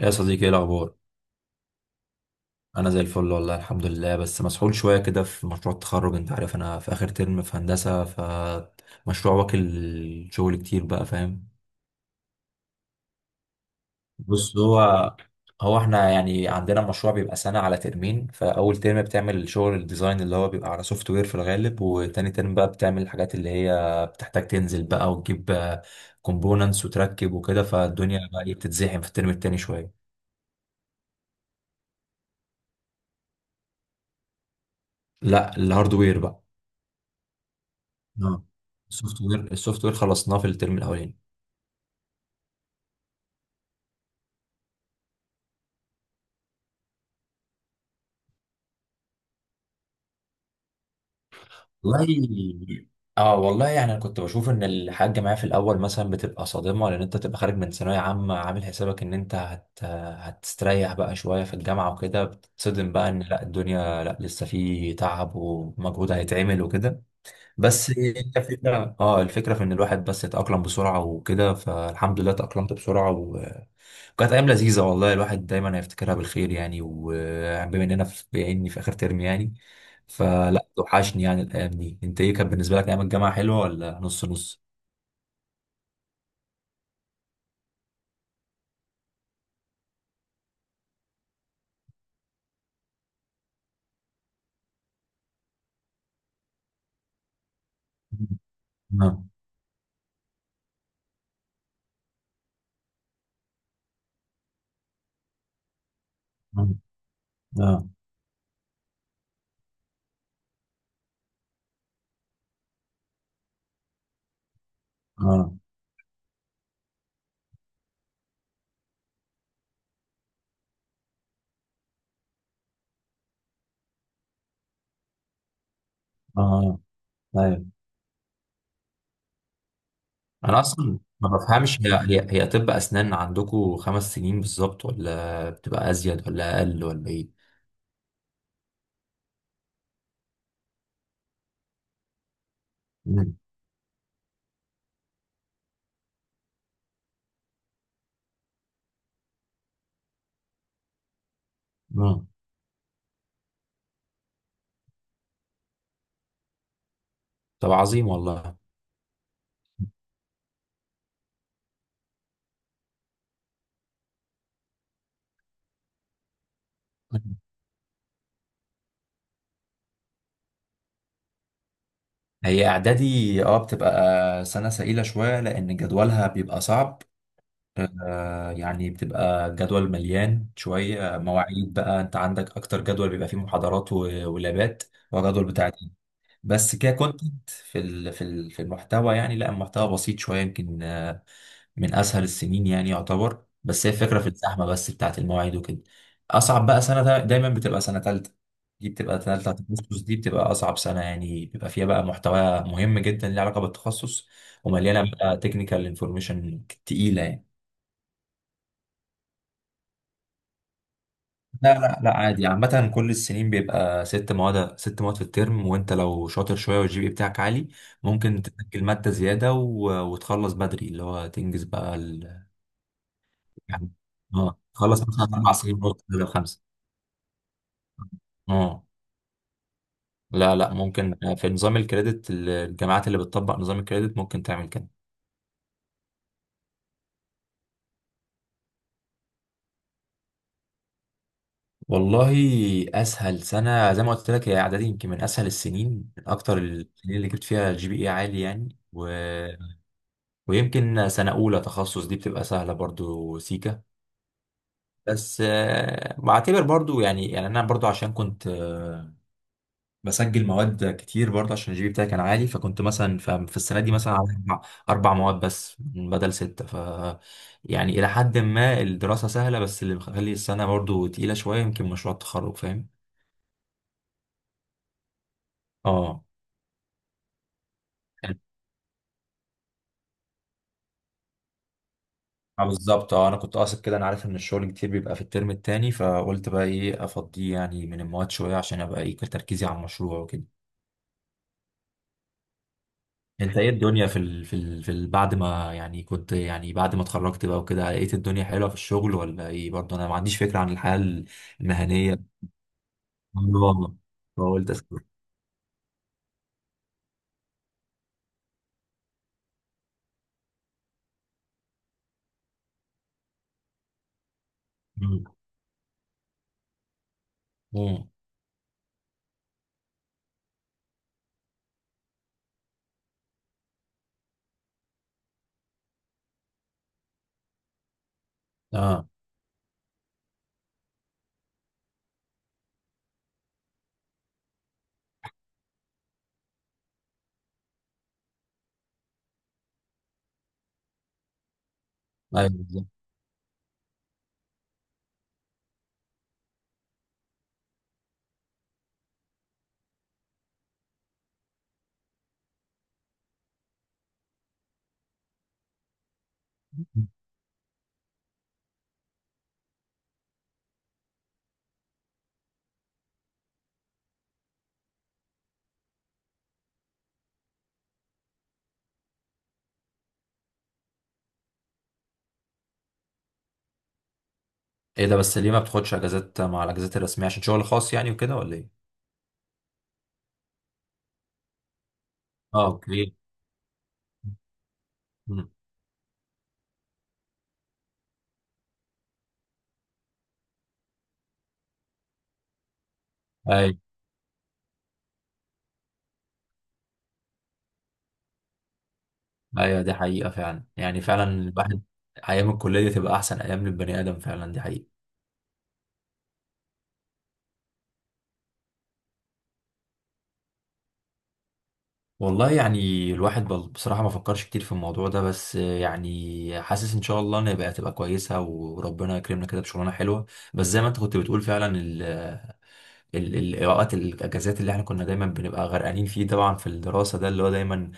يا صديقي، ايه الاخبار؟ انا زي الفل والله الحمد لله، بس مسحول شويه كده في مشروع التخرج. انت عارف انا في اخر ترم في هندسه، فمشروع واكل شغل كتير، بقى فاهم؟ بص، هو احنا يعني عندنا مشروع بيبقى سنه على ترمين، فاول ترم بتعمل شغل الديزاين اللي هو بيبقى على سوفت وير في الغالب، وتاني ترم بقى بتعمل الحاجات اللي هي بتحتاج تنزل بقى وتجيب كومبوننتس وتركب وكده. فالدنيا بقى إيه بتتزحم في الترم التاني شويه. لا، الهاردوير بقى. اه، السوفت وير خلصناه في الترم الاولاني. والله اه والله يعني انا كنت بشوف ان الحاجه معايا في الاول مثلا بتبقى صادمه، لان انت تبقى خارج من ثانويه عامه عامل حسابك ان انت هتستريح بقى شويه في الجامعه وكده. بتتصدم بقى ان لا الدنيا، لا لسه في تعب ومجهود هيتعمل وكده. بس الفكره في ان الواحد بس يتاقلم بسرعه وكده، فالحمد لله تاقلمت بسرعه. كانت ايام لذيذه والله، الواحد دايما هيفتكرها بالخير يعني، وبما اننا في بما اني في اخر ترم يعني، فلا توحشني يعني الايام دي. انت ايه، كانت بالنسبه لك ايام الجامعه حلوه ولا نص نص؟ اه. اه. اه. اه. ايوه. انا اصلا ما بفهمش. هي طب اسنان عندكم 5 سنين بالظبط، ولا بتبقى ازيد ولا اقل ولا ايه؟ مم. مم. طب عظيم والله. مم. هي اعدادي بتبقى سنه سئيله شويه لان جدولها بيبقى صعب. يعني بتبقى جدول مليان شوية، مواعيد. بقى انت عندك اكتر جدول بيبقى فيه محاضرات ولابات، وجدول بتاع دين. بس ككونتنت في المحتوى يعني، لا المحتوى بسيط شوية يمكن، من اسهل السنين يعني يعتبر، بس هي الفكرة في الزحمة بس بتاعت المواعيد وكده. اصعب بقى سنة دايما بتبقى سنة تالتة، دي بتبقى سنة بتاعت التخصص، دي بتبقى أصعب سنة يعني. بيبقى فيها بقى محتوى مهم جدا ليه علاقة بالتخصص، ومليانة بقى تكنيكال انفورميشن تقيلة يعني. لا، لا، لا، عادي عامة كل السنين بيبقى 6 مواد، 6 مواد في الترم. وانت لو شاطر شوية والجي بي بتاعك عالي، ممكن تسجل مادة زيادة و... وتخلص بدري، اللي هو تنجز بقى يعني اه تخلص مثلا 4 سنين ونص بدل 5. اه، لا، لا. ممكن في نظام الكريدت، الجامعات اللي بتطبق نظام الكريدت ممكن تعمل كده. والله، اسهل سنه زي ما قلت لك هي اعدادي، يمكن من اسهل السنين، من اكتر السنين اللي جبت فيها الجي بي اي عالي يعني. و ويمكن سنة أولى تخصص دي بتبقى سهلة برضو سيكا، بس بعتبر برضو يعني أنا برضو عشان كنت بسجل مواد كتير برضو عشان الجي بي بتاعي كان عالي. فكنت مثلا في السنة دي مثلا على أربع مواد بس بدل 6، ف يعني إلى حد ما الدراسة سهلة، بس اللي مخلي السنة برضو تقيلة شوية يمكن مشروع التخرج، فاهم؟ اه. يعني- بالظبط. اه انا كنت قاصد كده. انا عارف ان الشغل كتير بيبقى في الترم التاني، فقلت بقى ايه افضيه يعني من المواد شويه عشان ابقى ايه تركيزي على المشروع وكده. انت ايه الدنيا بعد ما يعني كنت يعني بعد ما اتخرجت بقى وكده لقيت الدنيا حلوه في الشغل ولا ايه؟ برضه انا ما عنديش فكره عن الحياه المهنيه. والله. فقلت اسكت. مم. مم. اه، ايوه بالظبط. ايه ده؟ بس ليه ما بتاخدش اجازات مع الاجازات الرسميه، عشان شغل خاص يعني وكده ولا ايه؟ اه، اوكي. مم. ايوه، ايوه دي حقيقه فعلا يعني، فعلا الواحد ايام الكليه تبقى احسن ايام للبني ادم، فعلا دي حقيقه. والله يعني الواحد بصراحة ما فكرش كتير في الموضوع ده، بس يعني حاسس ان شاء الله ان هيبقى تبقى كويسة، وربنا يكرمنا كده بشغلانة حلوة. بس زي ما انت كنت بتقول فعلا الاوقات، الاجازات اللي احنا كنا دايما بنبقى غرقانين فيه طبعا في الدراسة، ده اللي هو دايما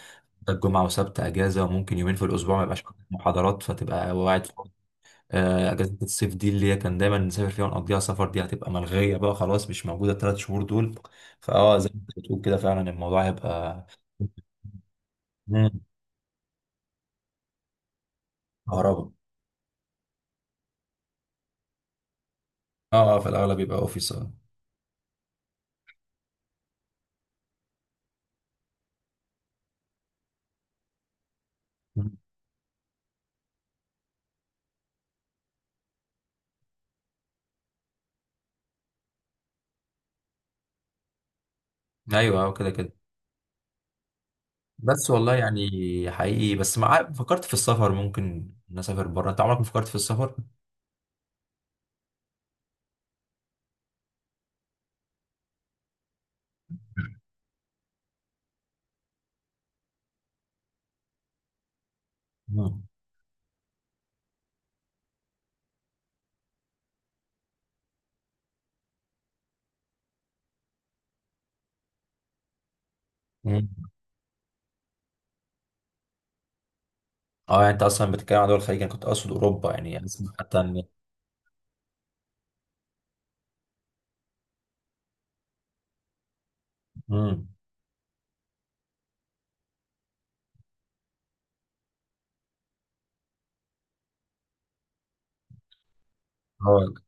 ده الجمعة وسبت اجازة، وممكن يومين في الاسبوع ما يبقاش عندك محاضرات فتبقى قاعد فاضي. اجازة الصيف دي اللي هي كان دايما نسافر فيها ونقضيها سفر، دي هتبقى ملغية بقى خلاص، مش موجودة 3 شهور دول. فاه، زي ما انت بتقول كده فعلا الموضوع هيبقى. مم. كهرباء. اه، اه في الاغلب يبقى اوفيس. اه. مم. ايوه، اه كده كده. بس والله يعني حقيقي، بس مع فكرت في السفر ممكن نسافر بره، انت عمرك ما فكرت في السفر؟ مم. مم. اه يعني، انت اصلا بتتكلم عن دول الخليج، انا كنت اقصد اوروبا يعني، اسمع حتى ان. مم. اه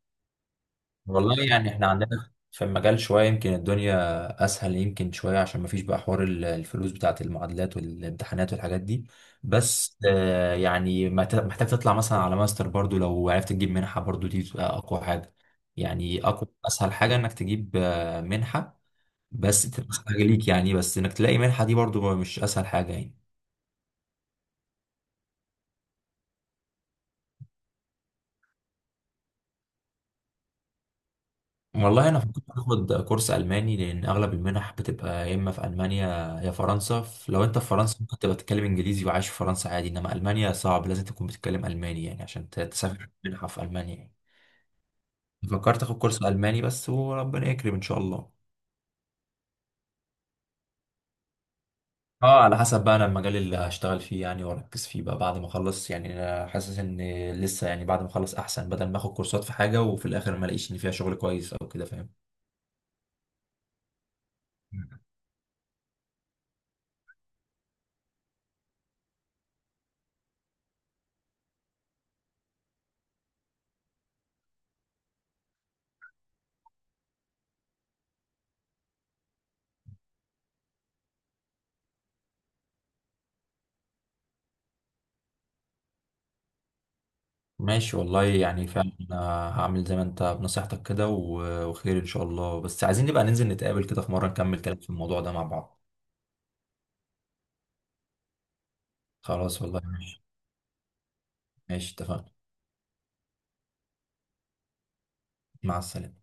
والله يعني احنا عندنا في المجال شوية يمكن الدنيا أسهل، يمكن شوية عشان مفيش بقى حوار الفلوس بتاعة المعادلات والامتحانات والحاجات دي. بس يعني محتاج تطلع مثلا على ماستر برضو، لو عرفت تجيب منحة برضو دي بتبقى أقوى حاجة. يعني أقوى أسهل حاجة إنك تجيب منحة، بس تبقى حاجة ليك يعني، بس إنك تلاقي منحة دي برضو مش أسهل حاجة يعني. والله انا فكرت اخد كورس الماني، لان اغلب المنح بتبقى يا اما في المانيا يا فرنسا. لو انت في فرنسا ممكن تبقى تتكلم انجليزي وعايش في فرنسا عادي، انما المانيا صعب لازم تكون بتتكلم الماني يعني عشان تسافر منحه في المانيا يعني. فكرت اخد كورس الماني بس، وربنا يكرم ان شاء الله. اه، على حسب بقى انا المجال اللي هشتغل فيه يعني واركز فيه بقى بعد ما اخلص يعني. انا حاسس ان لسه يعني بعد ما اخلص احسن، بدل ما اخد كورسات في حاجه وفي الاخر ما الاقيش ان فيها شغل كويس او كده، فاهم؟ ماشي والله يعني ماشي. فعلا، هعمل زي ما انت بنصيحتك كده و- وخير ان شاء الله. بس عايزين نبقى ننزل نتقابل كده في مرة، نكمل كلام في الموضوع ده مع بعض. خلاص والله، ماشي. ماشي اتفقنا. مع السلامة.